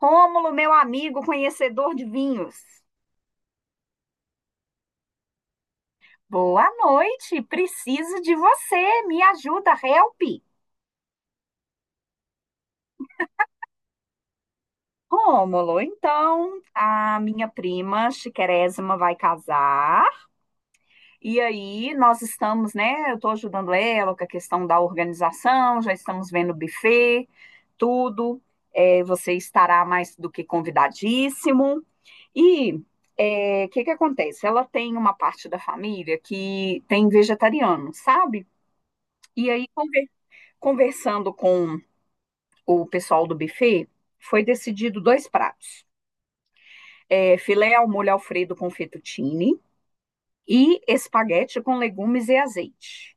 Rômulo, meu amigo conhecedor de vinhos. Boa noite, preciso de você, me ajuda, help. Rômulo, então a minha prima Chiquerésima vai casar e aí nós estamos, né? Eu estou ajudando ela com a questão da organização, já estamos vendo o buffet, tudo. É, você estará mais do que convidadíssimo. E o que que acontece? Ela tem uma parte da família que tem vegetariano, sabe? E aí, conversando com o pessoal do buffet, foi decidido dois pratos: é, filé ao molho Alfredo com fettuccine e espaguete com legumes e azeite.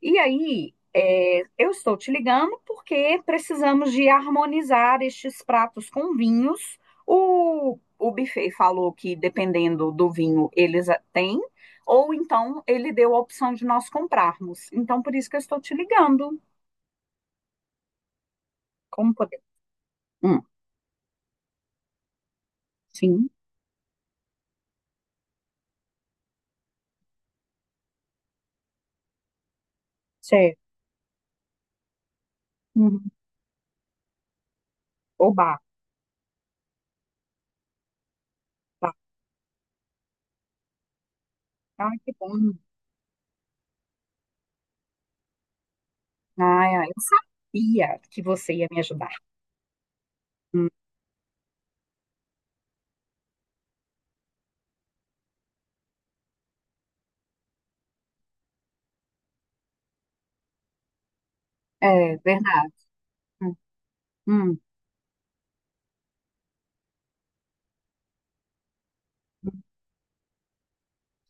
E aí, eu estou te ligando porque precisamos de harmonizar estes pratos com vinhos. O buffet falou que, dependendo do vinho, eles têm, ou então ele deu a opção de nós comprarmos. Então, por isso que eu estou te ligando. Como poder? Hum, sim. Certo. Uhum. Oba, oba. Ai, que bom. Ai, ai, eu sabia que você ia me ajudar. Hum, É verdade. Hum, hum,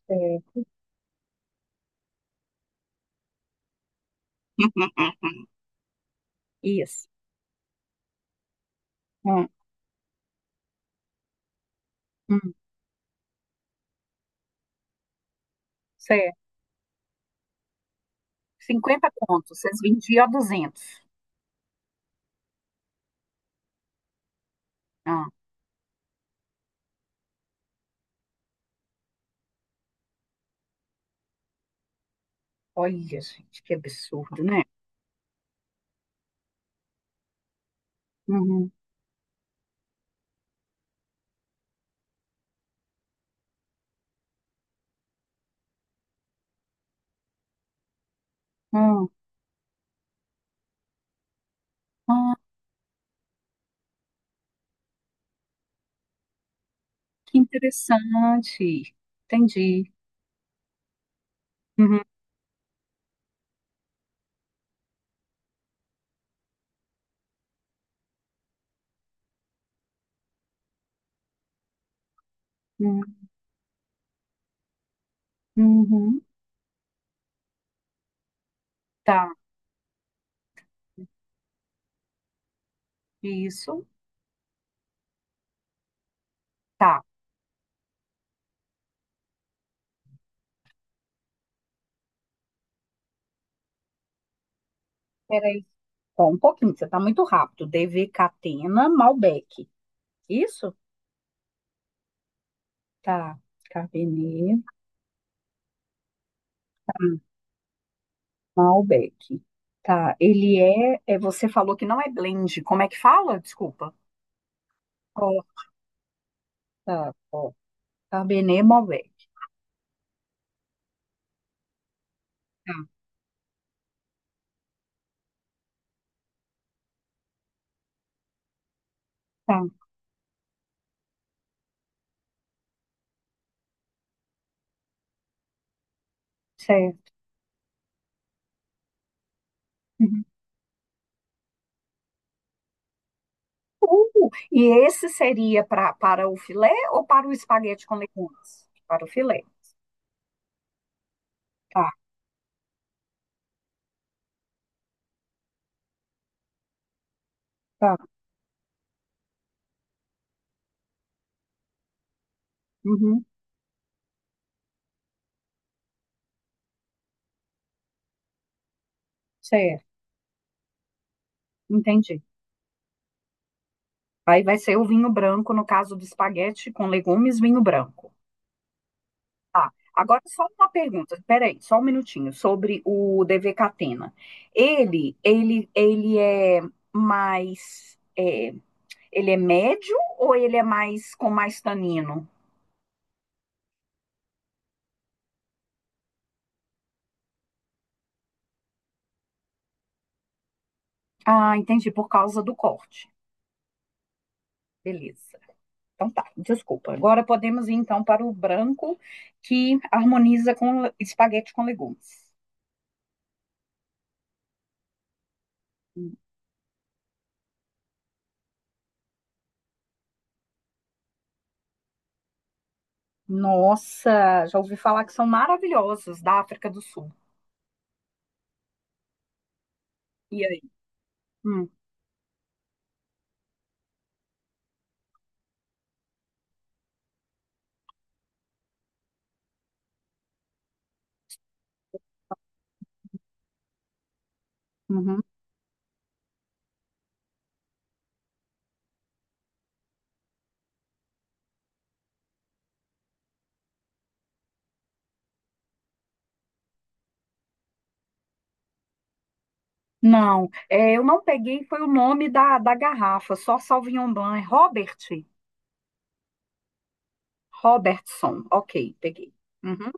certo. Isso. Hum, hum, certo. 50 contos, vocês vendiam a 200. Ah, olha, gente, que absurdo, né? Uhum. Ah, ah, que interessante. Entendi. Uhum, uhum, uhum. Tá, isso. Tá. Ó, um pouquinho, você tá muito rápido. DV Catena, Malbec. Isso? Tá. Cabernet, Malbec. Tá. Ele é. Você falou que não é blend. Como é que fala? Desculpa. Ó, tá ó. Cabernet, Malbec. Tá, tá. Certo. Uhum. E esse seria para o filé ou para o espaguete com legumes? Para o filé. Tá, tá. Uhum. Certo. Entendi. Aí vai ser o vinho branco, no caso do espaguete com legumes, vinho branco. Ah, agora só uma pergunta, peraí, só um minutinho, sobre o DV Catena. Ele é mais, ele é médio ou ele é mais com mais tanino? Ah, entendi, por causa do corte. Beleza. Então tá, desculpa. Agora podemos ir então para o branco que harmoniza com espaguete com legumes. Nossa, já ouvi falar que são maravilhosos da África do Sul. E aí? Hum, uhum. Não, eu não peguei, foi o nome da garrafa, só Sauvignon Blanc, é Robertson, ok, peguei. Uhum,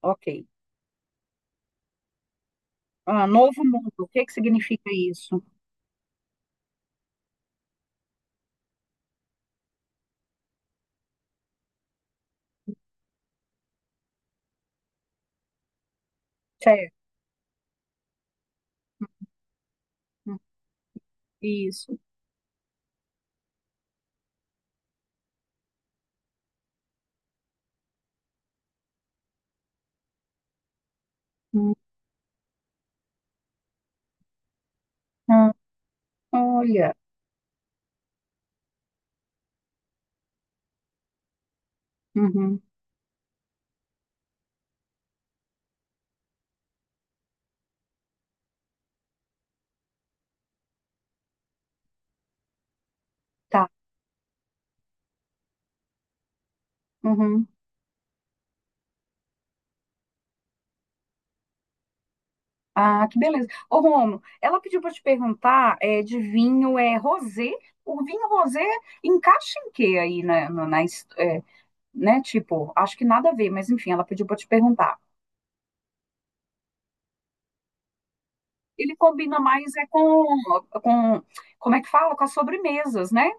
ok. Ah, Novo Mundo, o que que significa isso? Certo, isso. Uhum, olha, uhum, tá, uhum. Ah, que beleza. Ô, Romo, ela pediu para te perguntar, de vinho, é rosé? O vinho rosé encaixa em quê aí, né, né, tipo, acho que nada a ver, mas enfim, ela pediu para te perguntar. Ele combina mais é com, como é que fala? Com as sobremesas, né?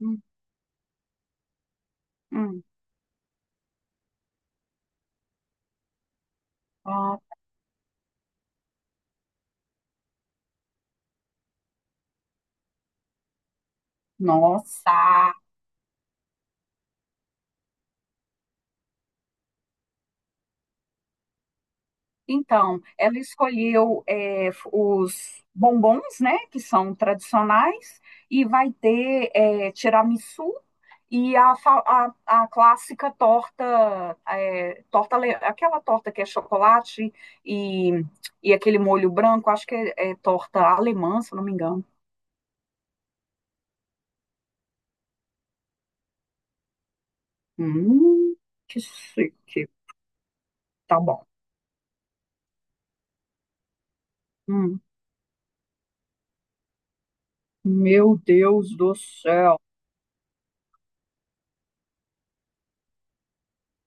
Hum, hum. Ah, nossa! Então, ela escolheu, os bombons, né? Que são tradicionais, e vai ter, tiramisu e a clássica torta, aquela torta que é chocolate e, e aquele molho branco, acho que é torta alemã, se eu não me engano. Hum, que chique. Tá bom. Hum, meu Deus do céu.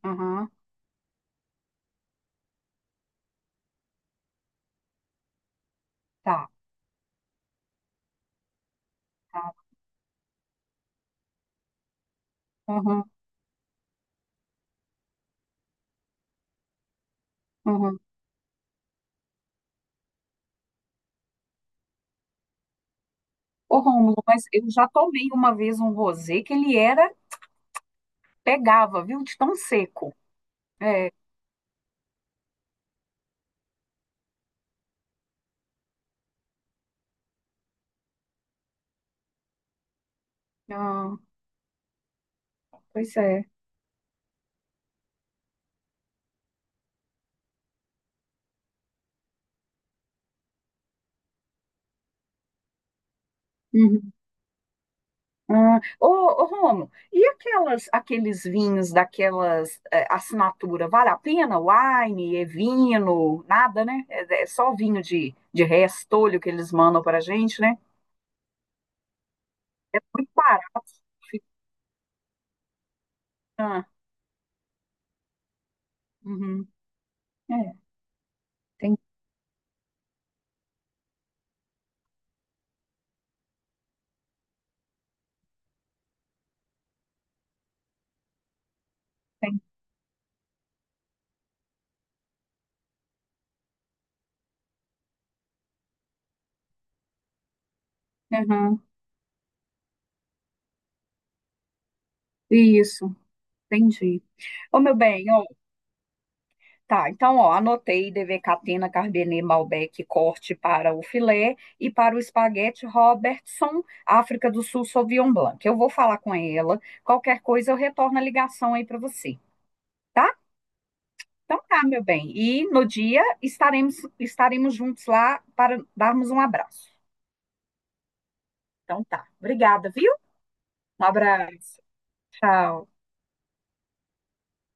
Aham, tá, tá. Aham, aham. Ô, Rômulo, mas eu já tomei uma vez um rosé que ele era, pegava, viu? De tão seco. É, ah, pois é. Uhum. Ah, ô, Rômulo, e aquelas, aqueles vinhos daquelas assinatura, vale a pena? Wine, é vinho, nada, né? É só vinho de restolho que eles mandam pra gente, né? É muito barato. Fica- ah, uhum. É. Tem, tem. Aham. Isso, entendi. Ô, meu bem, ó, tá, então, ó, anotei DV Catena, Carbenet, Malbec, corte para o filé e para o espaguete Robertson, África do Sul, Sauvignon Blanc. Eu vou falar com ela, qualquer coisa eu retorno a ligação aí para você, tá? Então tá, meu bem. E no dia estaremos juntos lá para darmos um abraço. Então tá. Obrigada, viu? Um abraço. Tchau.